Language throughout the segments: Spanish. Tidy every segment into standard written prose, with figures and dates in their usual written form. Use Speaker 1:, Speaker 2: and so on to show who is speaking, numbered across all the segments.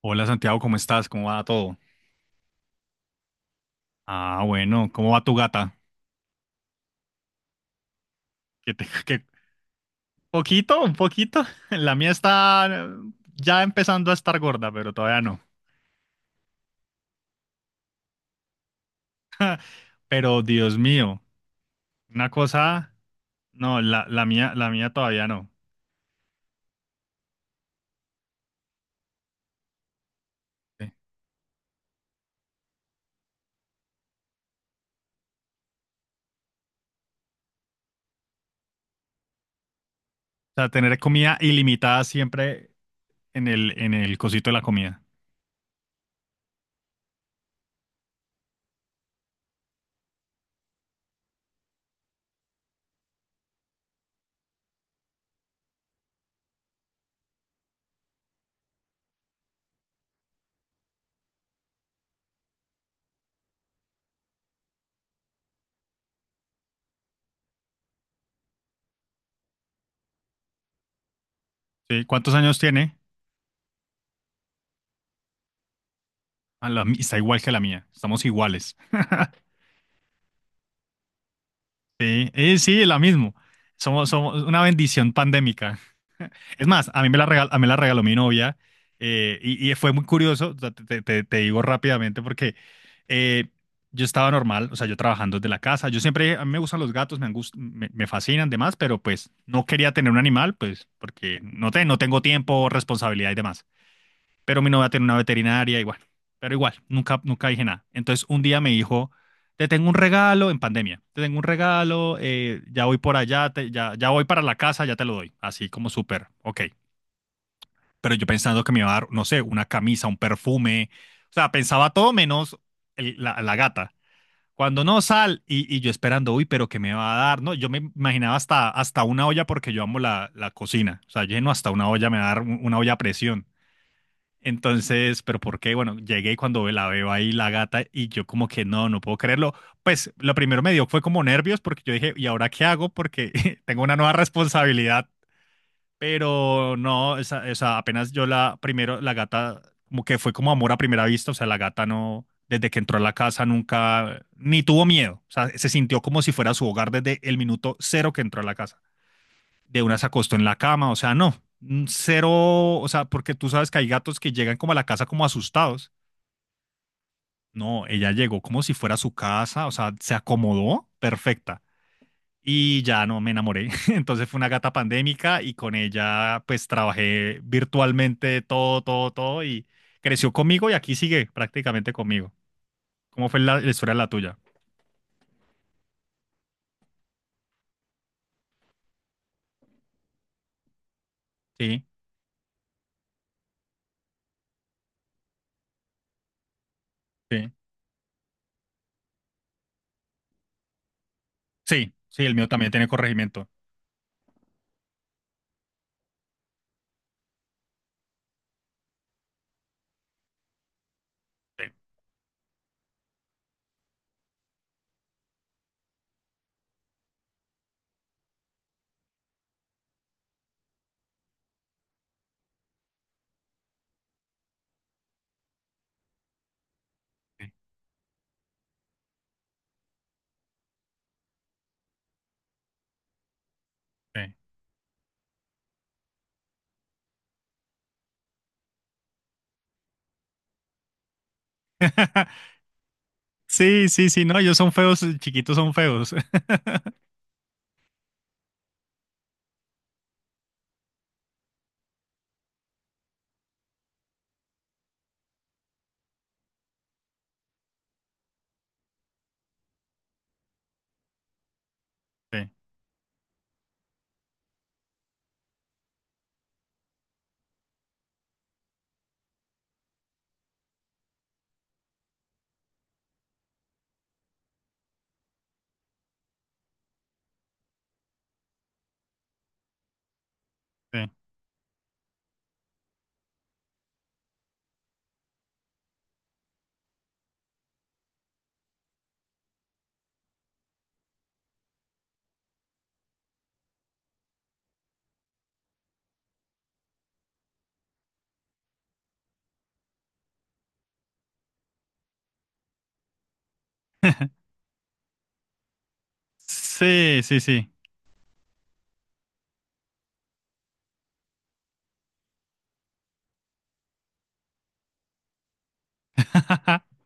Speaker 1: Hola Santiago, ¿cómo estás? ¿Cómo va todo? Ah, bueno, ¿cómo va tu gata? Que te- que- poquito, un poquito. La mía está ya empezando a estar gorda, pero todavía no. Pero Dios mío, una cosa, no, la mía, la mía todavía no. Sí. O sea, tener comida ilimitada siempre en el cosito de la comida. ¿Sí? ¿Cuántos años tiene? Está igual que la mía. Estamos iguales. Sí, y sí, la mismo. Somos una bendición pandémica. Es más, a mí me la regaló mi novia, y fue muy curioso, o sea, te digo rápidamente porque eh, yo estaba normal, o sea, yo trabajando desde la casa. Yo siempre, a mí me gustan los gatos, me fascinan, demás, pero pues no quería tener un animal, pues porque no, no tengo tiempo, responsabilidad y demás, pero mi novia tiene una veterinaria y bueno, pero igual, nunca dije nada. Entonces un día me dijo, te tengo un regalo en pandemia, te tengo un regalo, ya voy por allá, ya, ya voy para la casa, ya te lo doy, así como súper, ok. Pero yo pensando que me iba a dar, no sé, una camisa, un perfume, o sea, pensaba todo menos la gata. Cuando no sal y yo esperando, uy, pero ¿qué me va a dar? No, yo me imaginaba hasta una olla porque yo amo la cocina. O sea, lleno hasta una olla, me va a dar una olla a presión. Entonces, pero ¿por qué? Bueno, llegué y cuando la veo ahí la gata y yo como que no, no puedo creerlo. Pues lo primero me dio fue como nervios porque yo dije, ¿y ahora qué hago? Porque tengo una nueva responsabilidad, pero no, apenas yo la primero, la gata como que fue como amor a primera vista, o sea, la gata no, desde que entró a la casa nunca, ni tuvo miedo, o sea, se sintió como si fuera su hogar desde el minuto cero que entró a la casa. De una se acostó en la cama, o sea, no, cero, o sea, porque tú sabes que hay gatos que llegan como a la casa como asustados. No, ella llegó como si fuera su casa, o sea, se acomodó perfecta. Y ya no me enamoré. Entonces fue una gata pandémica y con ella pues trabajé virtualmente todo, todo, todo y creció conmigo y aquí sigue prácticamente conmigo. ¿Cómo fue la historia de la tuya? Sí, sí. Sí, sí, el mío también tiene corregimiento. Sí, sí, sí. Sí, sí, sí, no, ellos son feos, chiquitos son feos. Sí, sí, sí, sí. Sí,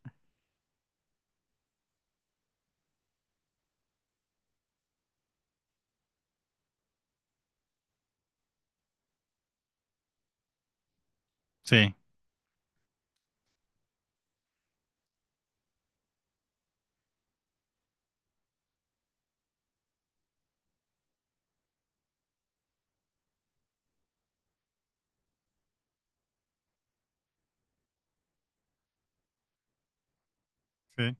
Speaker 1: sí, sí.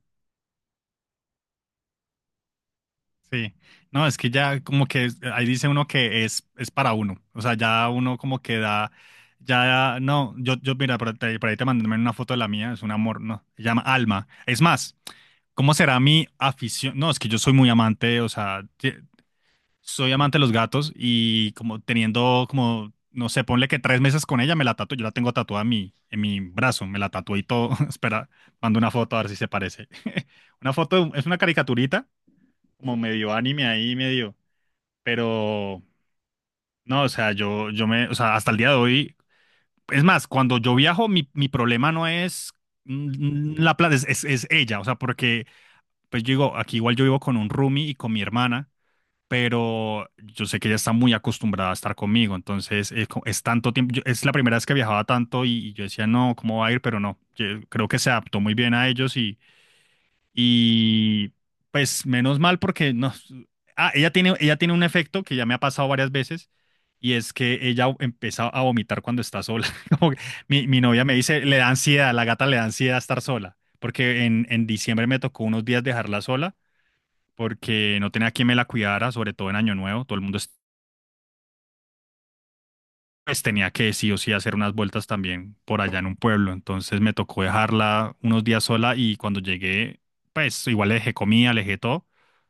Speaker 1: Sí. No, es que ya como que ahí dice uno que es para uno. O sea, ya uno como que da, ya, no, yo mira, ahí por ahí te mandé una foto de la mía, es un amor, no, se llama Alma. Es más, ¿cómo será mi afición? No, es que yo soy muy amante, o sea, soy amante de los gatos y como teniendo como, no sé, ponle que tres meses con ella, me la tatué. Yo la tengo tatuada en mi brazo, me la tatué y todo. Espera, mando una foto a ver si se parece. Una foto, es una caricaturita, como medio anime ahí, medio. Pero, no, o sea, o sea, hasta el día de hoy. Es más, cuando yo viajo, mi problema no es la plata, es ella. O sea, porque, pues yo digo, aquí igual yo vivo con un roomie y con mi hermana, pero yo sé que ella está muy acostumbrada a estar conmigo, entonces es tanto tiempo, es la primera vez que viajaba tanto y yo decía, no, ¿cómo va a ir? Pero no, yo creo que se adaptó muy bien a ellos y pues menos mal porque no, ah, ella tiene un efecto que ya me ha pasado varias veces. Y es que ella empieza a vomitar cuando está sola. Como que mi novia me dice, le da ansiedad, la gata le da ansiedad estar sola, porque en diciembre me tocó unos días dejarla sola porque no tenía quien me la cuidara, sobre todo en Año Nuevo. Todo el mundo pues, tenía que sí o sí hacer unas vueltas también por allá en un pueblo. Entonces me tocó dejarla unos días sola y cuando llegué, pues igual le dejé comida, le dejé todo,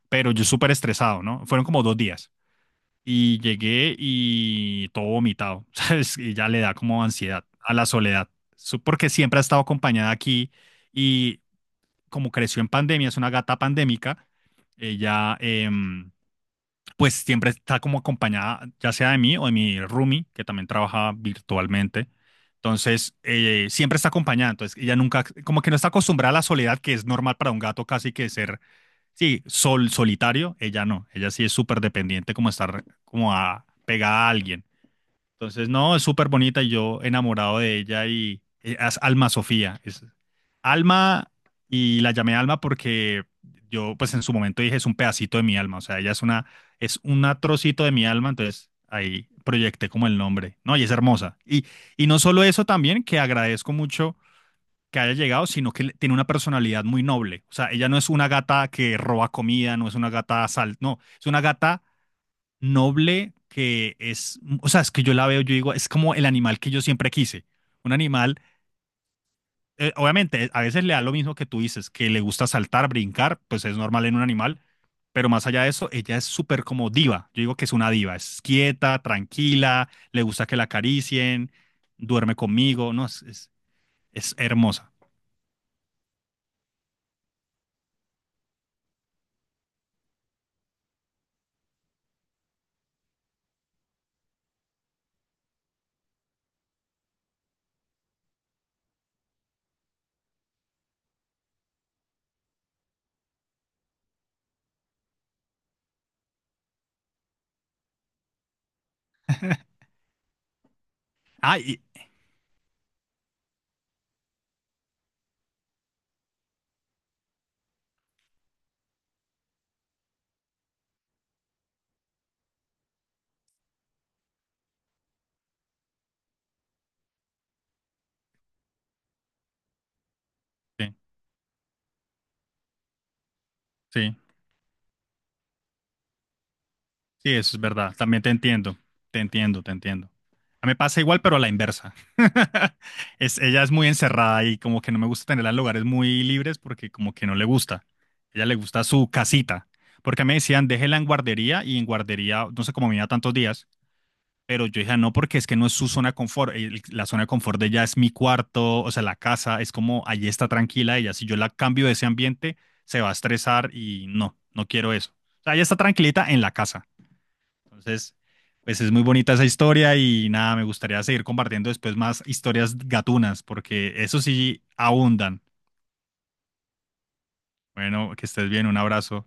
Speaker 1: pero yo súper estresado, ¿no? Fueron como dos días y llegué y todo vomitado, ¿sabes? Y ya le da como ansiedad a la soledad, porque siempre ha estado acompañada aquí y como creció en pandemia, es una gata pandémica, ella... pues siempre está como acompañada, ya sea de mí o de mi roomie, que también trabaja virtualmente. Entonces, siempre está acompañada. Entonces, ella nunca, como que no está acostumbrada a la soledad, que es normal para un gato casi que ser, sí, solitario. Ella no. Ella sí es súper dependiente, como estar pegada a alguien. Entonces, no, es súper bonita y yo enamorado de ella y es Alma Sofía. Es Alma y la llamé Alma porque yo pues en su momento dije es un pedacito de mi alma, o sea, ella es una, es un trocito de mi alma, entonces ahí proyecté como el nombre. No, y es hermosa. Y no solo eso, también que agradezco mucho que haya llegado, sino que tiene una personalidad muy noble. O sea, ella no es una gata que roba comida, no es una gata sal, no, es una gata noble que es, o sea, es que yo la veo, yo digo, es como el animal que yo siempre quise. Un animal, obviamente, a veces le da lo mismo que tú dices, que le gusta saltar, brincar, pues es normal en un animal, pero más allá de eso, ella es súper como diva. Yo digo que es una diva, es quieta, tranquila, le gusta que la acaricien, duerme conmigo, no, es hermosa. Ah, y, sí, sí. Sí, eso es verdad. También te entiendo. Te entiendo, te entiendo. A mí me pasa igual, pero a la inversa. Es, ella es muy encerrada y como que no me gusta tenerla en lugares muy libres porque como que no le gusta. Ella le gusta su casita. Porque me decían, déjela en guardería y en guardería, no sé cómo me iba tantos días, pero yo dije, no, porque es que no es su zona de confort. La zona de confort de ella es mi cuarto, o sea, la casa, es como, allí está tranquila ella. Si yo la cambio de ese ambiente, se va a estresar y no, no quiero eso. O sea, ella está tranquilita en la casa. Entonces, pues es muy bonita esa historia y nada, me gustaría seguir compartiendo después más historias gatunas, porque eso sí abundan. Bueno, que estés bien, un abrazo.